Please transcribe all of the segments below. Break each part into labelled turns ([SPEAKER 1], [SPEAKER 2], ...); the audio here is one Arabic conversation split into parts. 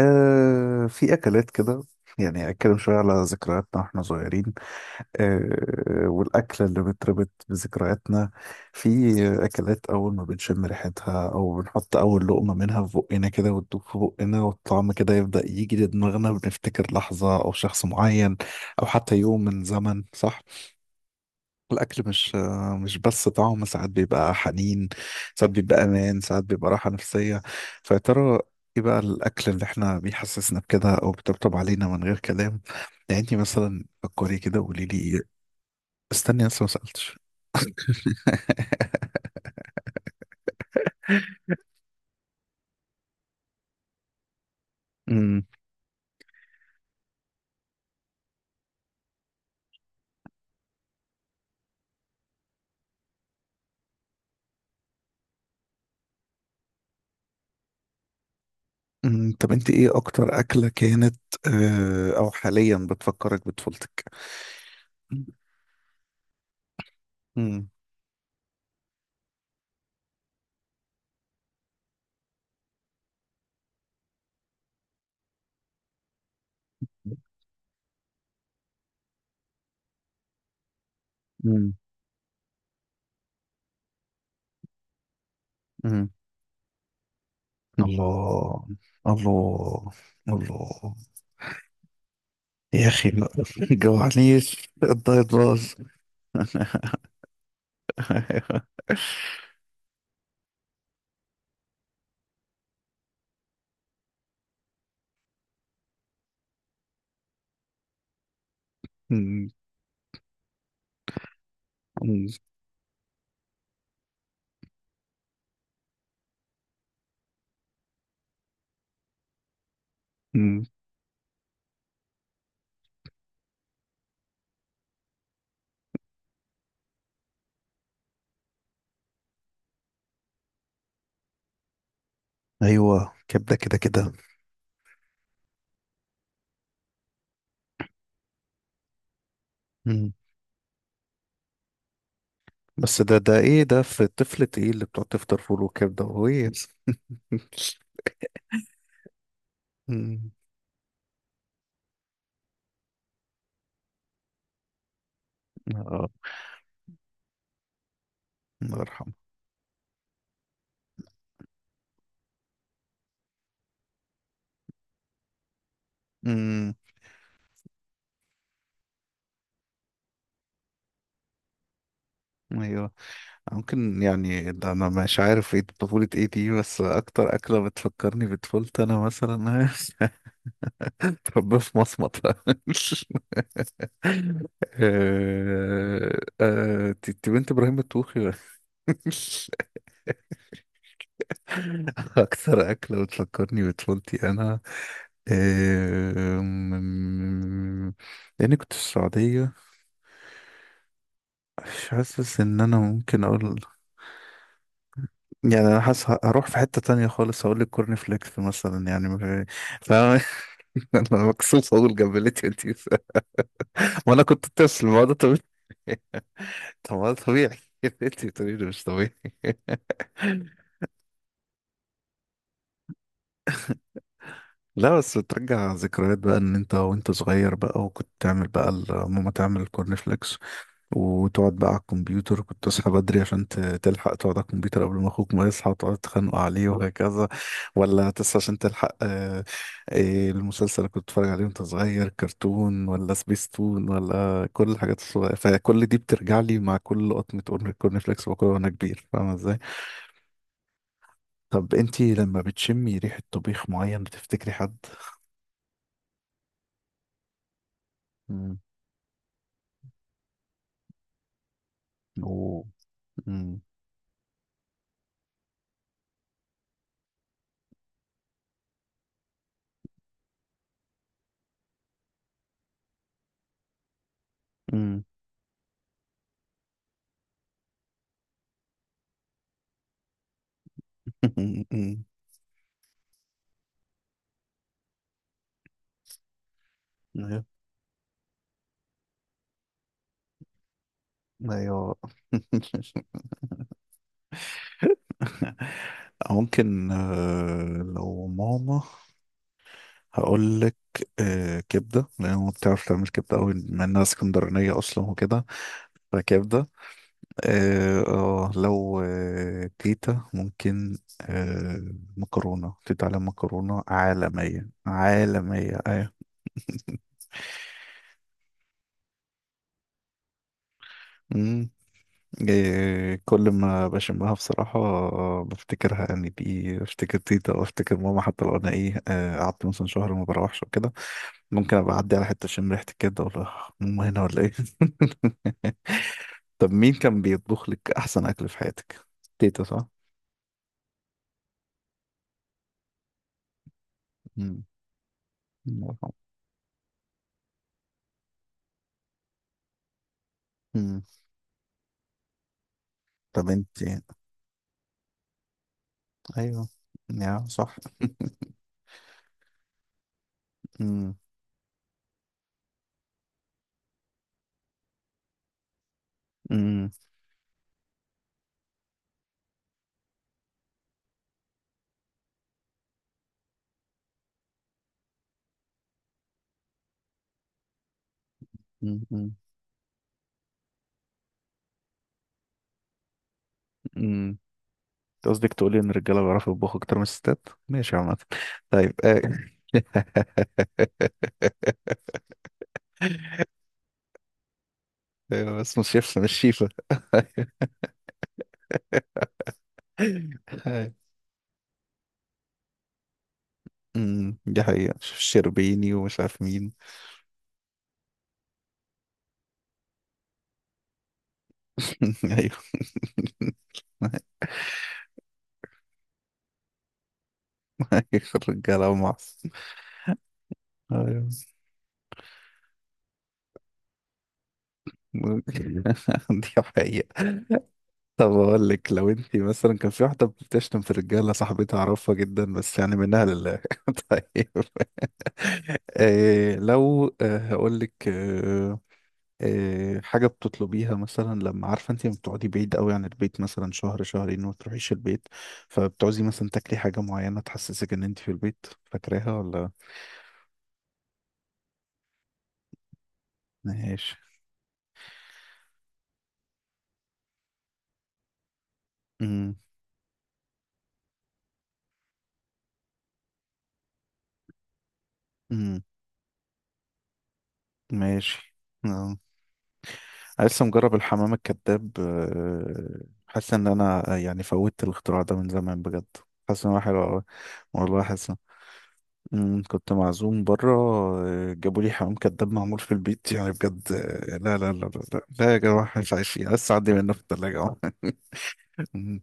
[SPEAKER 1] في أكلات كده، يعني أتكلم شوية على ذكرياتنا وإحنا صغيرين. والأكلة اللي بتربط بذكرياتنا، في أكلات أول ما بنشم ريحتها أو بنحط أول لقمة منها في بقنا كده وتدوب في بقنا والطعم كده يبدأ يجي لدماغنا بنفتكر لحظة أو شخص معين أو حتى يوم من زمن، صح؟ الأكل مش بس طعم، ساعات بيبقى حنين، ساعات بيبقى أمان، ساعات بيبقى راحة نفسية. فيا ترى إيه بقى الأكل اللي إحنا بيحسسنا بكده أو بيطبطب علينا من غير كلام؟ يعني أنت مثلا فكري كده وقولي لي إيه. استني لسه ما سألتش. أمم، أمم، طب أنت إيه أكتر أكلة كانت أو حاليا بتفكرك بطفولتك؟ أمم، أمم، أمم. الله. الله. الله. يا اخي ما جوعنيش الدايت باظ. أمم، أمم، أمم. ايوه، كبده كده كده. أمم. بس ده ايه ده، في الطفل ايه اللي بتقعد تفطر فول وكبده وهي أمم، اه، الله يرحمه. أمم، ايوه، ممكن، يعني ده انا مش عارف ايه طفوله ايه دي، بس اكتر اكله بتفكرني بطفولتي انا مثلا تربيه في مصمت. بنت ابراهيم الطوخي. اكثر اكله بتفكرني بطفولتي انا، آه، م- م- م- لاني كنت في السعوديه، مش حاسس ان انا ممكن اقول. يعني انا حاسس هروح في حته تانية خالص، هقول لك كورن فليكس مثلا، يعني فاهم. انا مكسوف اقول جملتي انت. ما انا كنت طفل، ما هو ده طبيعي. طب ما ده طبيعي انت بتقولي لي مش طبيعي. لا بس بترجع ذكريات بقى ان انت وانت صغير بقى وكنت تعمل بقى ماما تعمل الكورن فليكس، وتقعد بقى على الكمبيوتر، كنت تصحى بدري عشان تلحق تقعد على الكمبيوتر قبل ما اخوك ما يصحى وتقعد تتخانقوا عليه وهكذا، ولا تصحى عشان تلحق إيه المسلسل اللي كنت بتتفرج عليه وانت صغير، كرتون ولا سبيستون، ولا كل الحاجات الصغيرة، فكل دي بترجع لي مع كل لقطة كورن فليكس باكلها وانا كبير، فاهمة ازاي؟ طب انتي لما بتشمي ريحة طبيخ معين بتفتكري حد؟ مم. うんうん. ايوه، أيوة. ممكن لو ماما، هقول لك كبده، لان ماما بتعرف تعمل كبده قوي، بما انها اسكندرانيه اصلا وكده. فكبده. لو تيتا، ممكن مكرونه، تيتا على مكرونه عالميه، عالميه ايوه. إيه، كل ما بشمها بصراحة بفتكرها، يعني دي بفتكر تيتا أو أفتكر ماما، حتى لو أنا إيه آه، قعدت مثلا شهر ما بروحش وكده، ممكن أبقى أعدي على حتة أشم ريحة الكبدة أقول لها ماما هنا ولا إيه؟ طب مين كان بيطبخ لك أحسن أكل في حياتك؟ تيتا صح؟ مم. الله يرحمها. مم. طب أنت. أيوه. يا صح. مم. مم. مم. مم. أنت قصدك تقولي ان الرجاله بيعرفوا يطبخوا اكتر من الستات، ماشي، عامه. طيب آه. أيوة، بس مش شيف، مش شيفه. أيوة. أمم، دي حقيقه، شيف شربيني ومش عارف مين. ايوه. ايوه الرجاله ومعص. ايوه. دي حقيقه. طب اقول لك، لو انت مثلا كان في واحده بتشتم في الرجاله، صاحبتي اعرفها جدا بس يعني منها لله طيب، إيه لو هقول لك حاجة بتطلبيها مثلا لما عارفة انت بتقعدي بعيد قوي عن البيت مثلا شهر شهرين وما تروحيش البيت، فبتعوزي مثلا تاكلي حاجة معينة تحسسك ان انت في البيت، فاكراها ولا؟ ماشي. امم، امم، ماشي آه. أنا لسه مجرب الحمام الكذاب، حاسس ان انا يعني فوتت الاختراع ده من زمان بجد، حاسس ان هو حلو قوي، والله حاسس. كنت معزوم بره، جابوا لي حمام كداب معمول في البيت، يعني بجد لا لا لا لا لا، لا يا جماعة، مش عايشين، لسه عندي منه في التلاجة أهو. مم.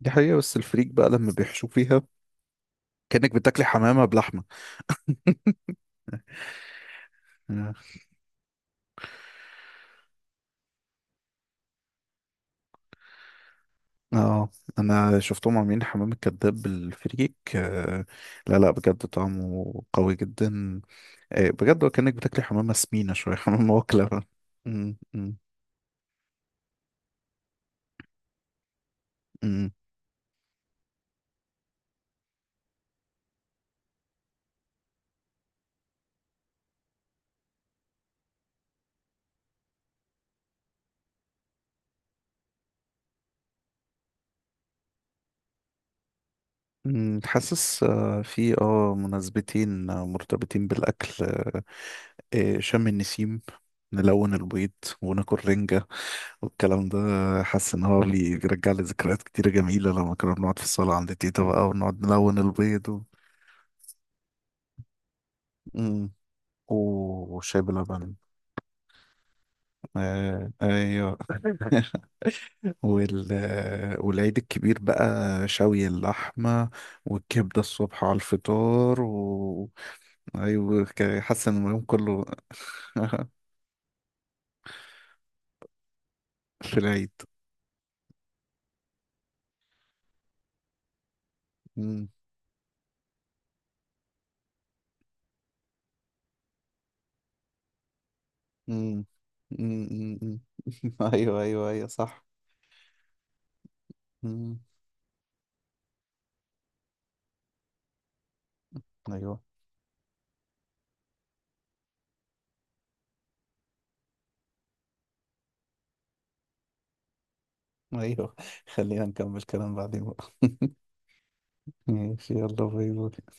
[SPEAKER 1] دي حقيقة، بس الفريك بقى لما بيحشوا فيها كأنك بتاكلي حمامة بلحمة. اه آه، انا شفتهم عاملين حمام الكداب بالفريك، لا لا بجد طعمه قوي جدا، بجد، وكأنك بتاكلي حمامة سمينة شوية حمامة واكلة. مم، مم، مم. حاسس في مناسبتين مرتبطين بالأكل. إيه، شم النسيم، نلون البيض وناكل رنجة والكلام ده، حاسس ان هو بيرجع لي ذكريات كتيرة جميلة لما كنا بنقعد في الصالة عند تيتا بقى ونقعد نلون البيض و... مم. وشاي بلبن. آه، ايوه. وال... والعيد الكبير بقى، شوي اللحمة والكبدة الصبح على الفطار و... ايوه حاسس ان اليوم كله في العيد. مم. مم. مم. مم. ايوه ايوه ايوه صح. مم. ايوه ايوه. خلينا نكمل كلام بعدين بقى. ماشي، يلا باي باي.